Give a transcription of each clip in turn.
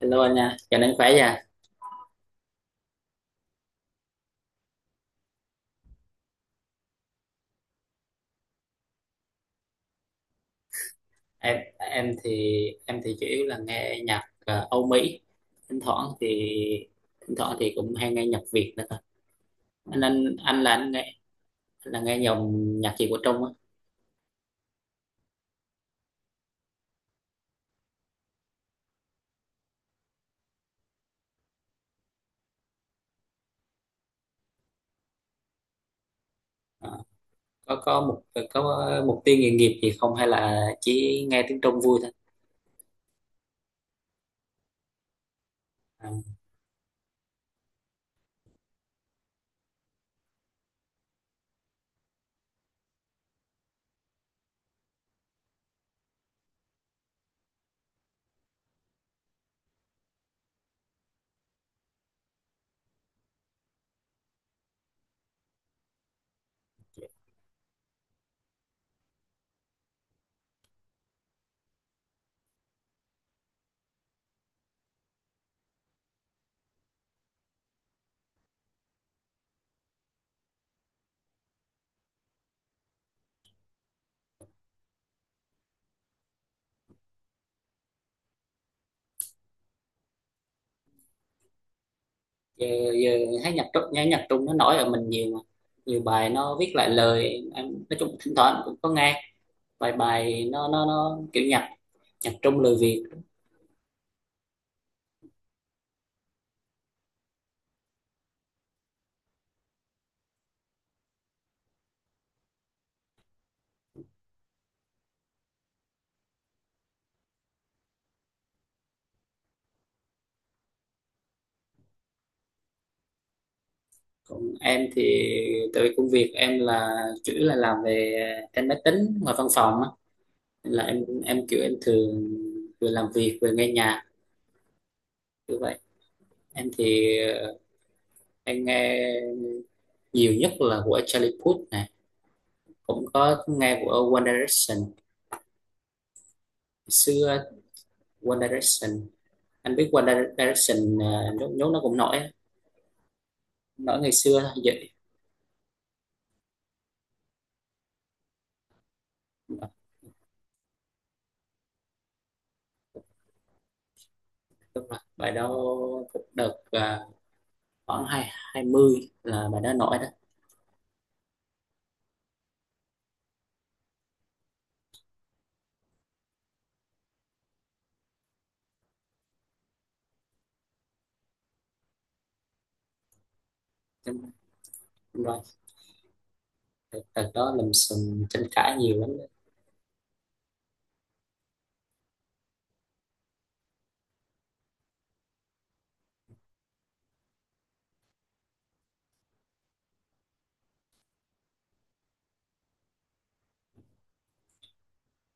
Hello anh nha, chào anh khỏe nha. Em thì em thì chủ yếu là nghe nhạc Âu Mỹ. Thỉnh thoảng thì thỉnh thoảng thì cũng hay nghe nhạc Việt nữa thôi. Anh là anh nghe là nghe dòng nhạc gì của Trung á? Ờ, có có mục tiêu nghề nghiệp gì không hay là chỉ nghe tiếng Trung vui thôi? À, giờ, giờ thấy nhạc Trung nghe nhạc Trung nó nổi ở mình nhiều mà. Nhiều bài nó viết lại lời, em nói chung thỉnh thoảng cũng có nghe vài bài, nó kiểu nhạc nhạc Trung lời Việt. Còn em thì tại vì công việc em là chủ yếu là làm về trên máy tính ngoài văn phòng á, nên là em kiểu em thường vừa làm việc vừa nghe nhạc như vậy. Em thì em nhiều nhất là của Charlie Puth này, cũng có nghe của One Direction xưa. One Direction, anh biết One Direction nhốt nhốt nó cũng nổi á. Nổi ngày xưa thôi vậy. Đúng rồi, bài đó cũng đợt khoảng hai hai mươi là bài đó nổi đó. Đúng rồi. Thật thật đó, lùm xùm tranh cãi nhiều lắm đó.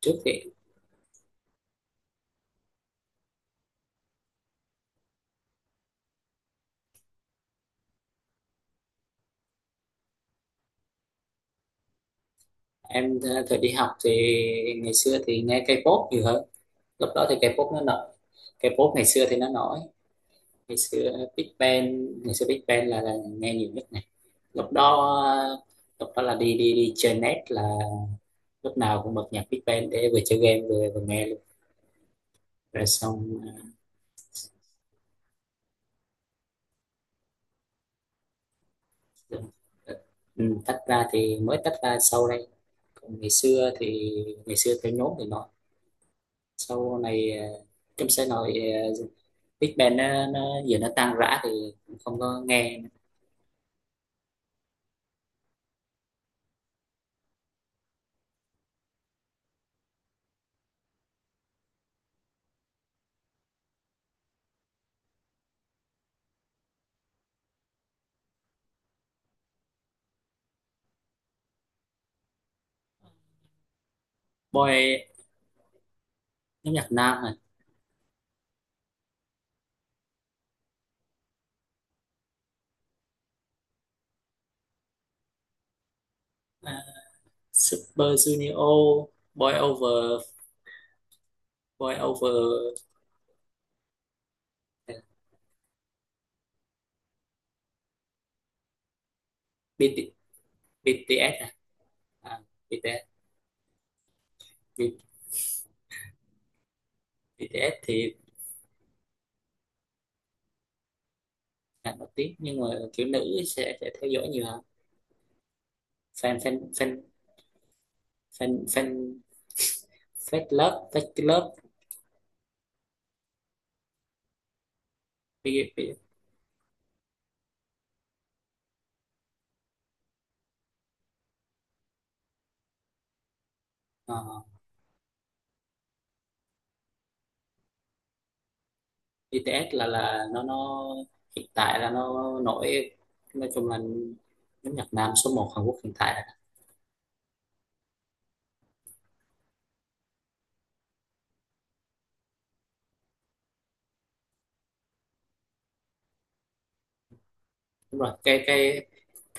Trước thì em thời đi học thì ngày xưa thì nghe K-pop nhiều hơn. Lúc đó thì K-pop nó nổi, K-pop ngày xưa thì nó nổi. Ngày xưa Big Bang, ngày xưa Big Bang là nghe nhiều nhất này. Lúc đó ờ, lúc đó là đi đi đi chơi net là lúc nào cũng bật nhạc Big Bang để vừa chơi game vừa vừa nghe luôn. Rồi xong. ờ, ờ, ừ, tách ra thì mới tách ra sau đây. Còn ngày xưa thì ngày xưa theo nhóm thì nó sau này trong xe nội ờ, Big Bang nó giờ nó tan rã thì cũng không có nghe. Boy, nhóm nhạc nam à, à Super Junior, Boy Over, Boy Over, à, BT, BTS à, à BTS, B- BTS thì là nổi tiếng nhưng mà kiểu nữ sẽ theo dõi nhiều hơn. Fan fan fan fan fan Fat Love Fat Love. B, B, BTS là nó hiện tại là nó nổi, nói chung là nhóm nhạc nam số một Hàn Quốc hiện tại. Đúng rồi, cái cái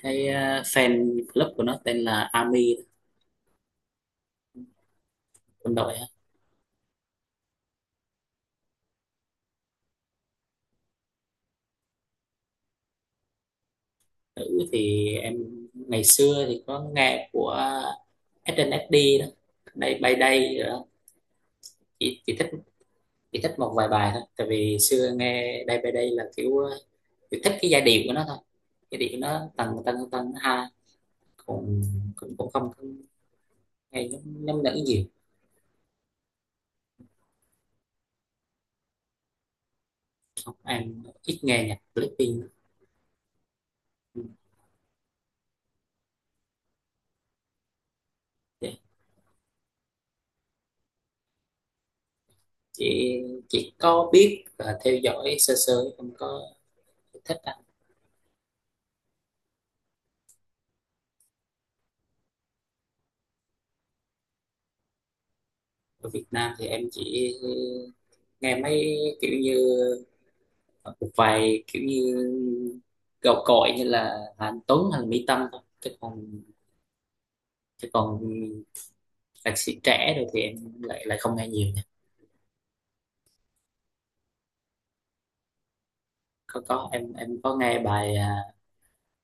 cái fan club của nó tên là ARMY, quân đội á. Nữ thì em ngày xưa thì có nghe của SNSD đó, Day by đây rồi đó. chỉ, chỉ thích chỉ thích một vài bài thôi, tại vì xưa nghe đây by đây là kiểu chỉ thích cái giai điệu của nó thôi. Giai điệu nó tầng tầng tầng ha, cũng cũng cũng không không nghe nhóm nhóm nữ nhiều. Em ít nghe nhạc Blackpink lắm. Ừ, dạ. chị chị có biết và theo dõi sơ sơ, không có thích anh. Ở Việt Nam thì em chỉ nghe mấy kiểu như một vài kiểu như gạo cội như là Anh Tuấn hay là Mỹ Tâm thôi, chứ còn chứ còn nhạc sĩ trẻ rồi thì em lại lại không nghe nhiều nha. Có, em có nghe bài à,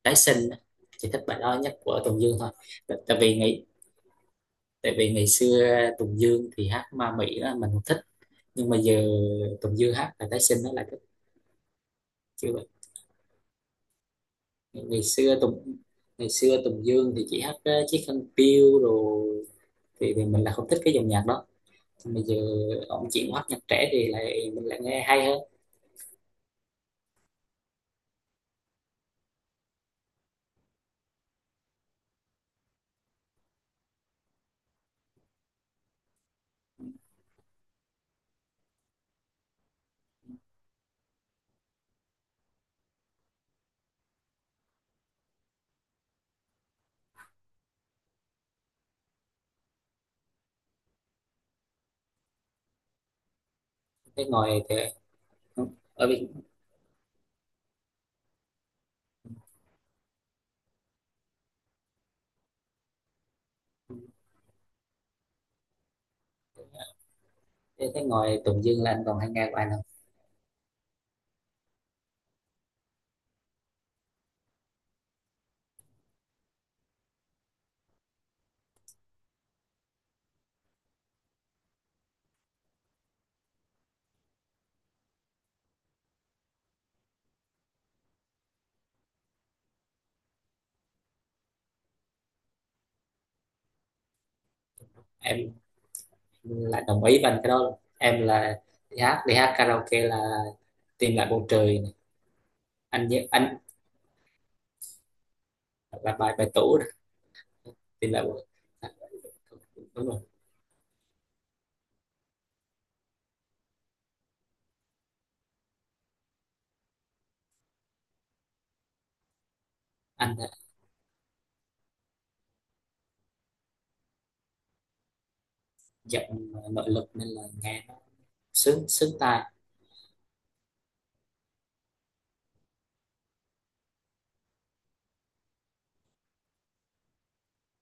Tái sinh á. Chị thích bài đó nhất của Tùng Dương thôi. Tại tại vì ngày xưa Tùng Dương thì hát ma Mỹ là mình không thích, nhưng mà giờ Tùng Dương hát là tái sinh nó lại thích. Chưa vậy. ngày xưa Tùng ngày xưa Tùng Dương thì chỉ hát chiếc khăn piêu rồi thì mình là không thích cái dòng nhạc đó. Nhưng mà giờ ông chuyển qua hát nhạc trẻ thì mình lại nghe hay hơn. Thế ngồi thì ở bên. Thế, thế ngồi Tùng Dương là anh còn hay nghe của anh không? Em lại đồng ý với anh cái đó luôn. Em là đi hát karaoke là Tìm lại bầu trời này. Anh nhớ anh là bài bài tủ. Thì là à, đúng rồi. Anh đã giọng nội lực nên là nghe nó sướng sướng tai.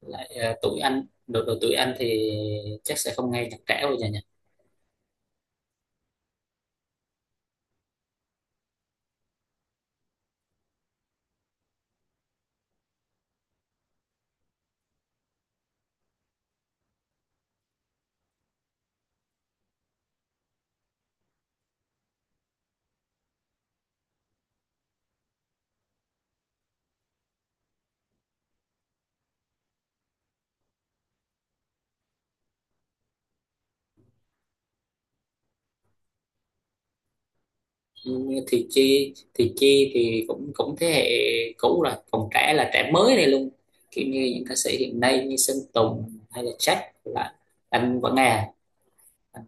Lại tuổi anh, độ độ tuổi anh thì chắc sẽ không nghe nhạc trẻ bây giờ nhỉ. Ừ, thì chi thì cũng cũng thế hệ cũ rồi, còn trẻ là trẻ mới này luôn, kiểu như những ca sĩ hiện nay như Sơn Tùng hay là Jack là anh vẫn nghe à? Anh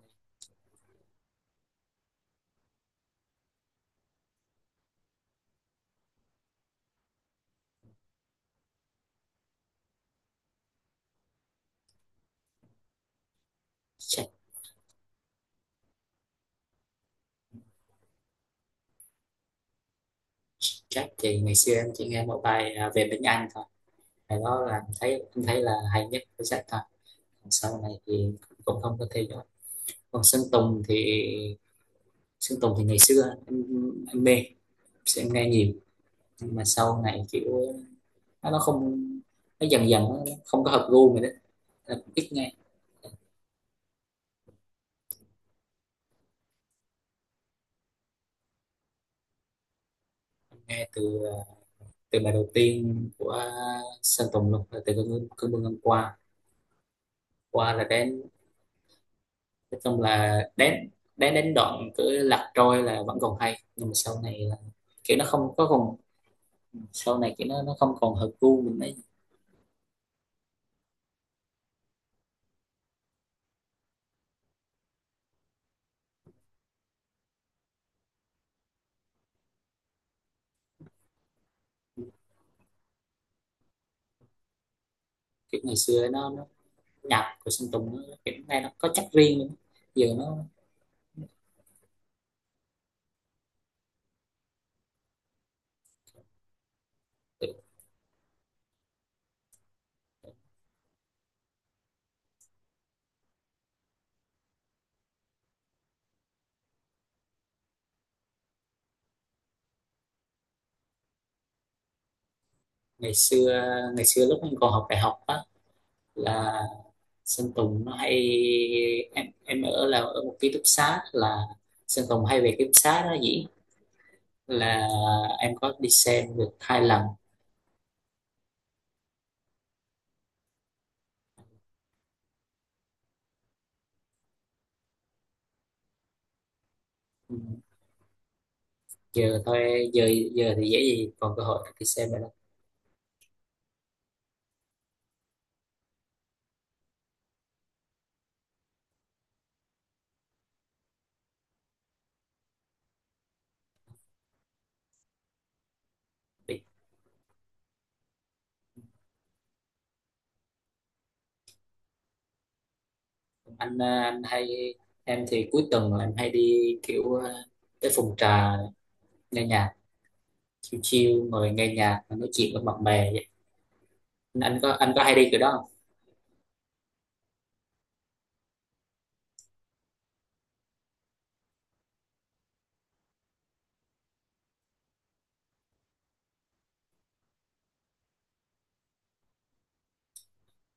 Jack, Jack thì ngày xưa em chỉ nghe một bài à, về bên Anh thôi. Bài đó là anh thấy là hay nhất của Jack thôi. Sau này thì cũng không có theo dõi. Còn Sơn Tùng thì ngày xưa em mê, sẽ nghe nhiều, nhưng mà sau này kiểu nó nó không nó dần dần nó không có hợp gu mình đấy. Nên là cũng ít nghe. Nghe từ từ bài đầu tiên của Sơn Tùng luôn là từ cơn mưa, cơn mưa ngang qua, qua là đến, nói chung là đến đến đến đoạn cứ Lạc trôi là vẫn còn hay, nhưng mà sau này là kiểu nó không có còn, sau này kiểu nó không còn hợp gu mình đấy. Kiểu ngày xưa nó nhạc của Sơn Tùng nó kiểu nghe nó có chất riêng luôn. Giờ nó ngày xưa ngày xưa lúc mình còn học đại học á là Sơn Tùng nó hay, em ở là ở một ký túc xá là Sơn Tùng hay về ký túc xá đó dĩ là em có đi xem được hai lần. Ừ, giờ thôi giờ giờ thì dễ gì còn cơ hội đi xem rồi đó. Thì anh hay. Em thì cuối tuần là em hay đi kiểu tới phòng trà nghe nhạc, chill chill, ngồi nghe nhạc và nói chuyện với bạn bè vậy. Anh có anh có hay đi kiểu đó không?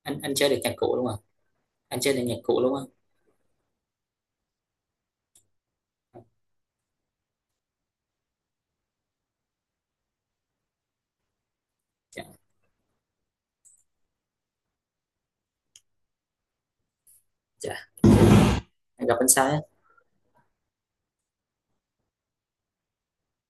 Anh anh chơi được nhạc cụ đúng không? Anh chơi được nhạc cụ đúng không? Dạ, dạ. Anh gặp anh sai á.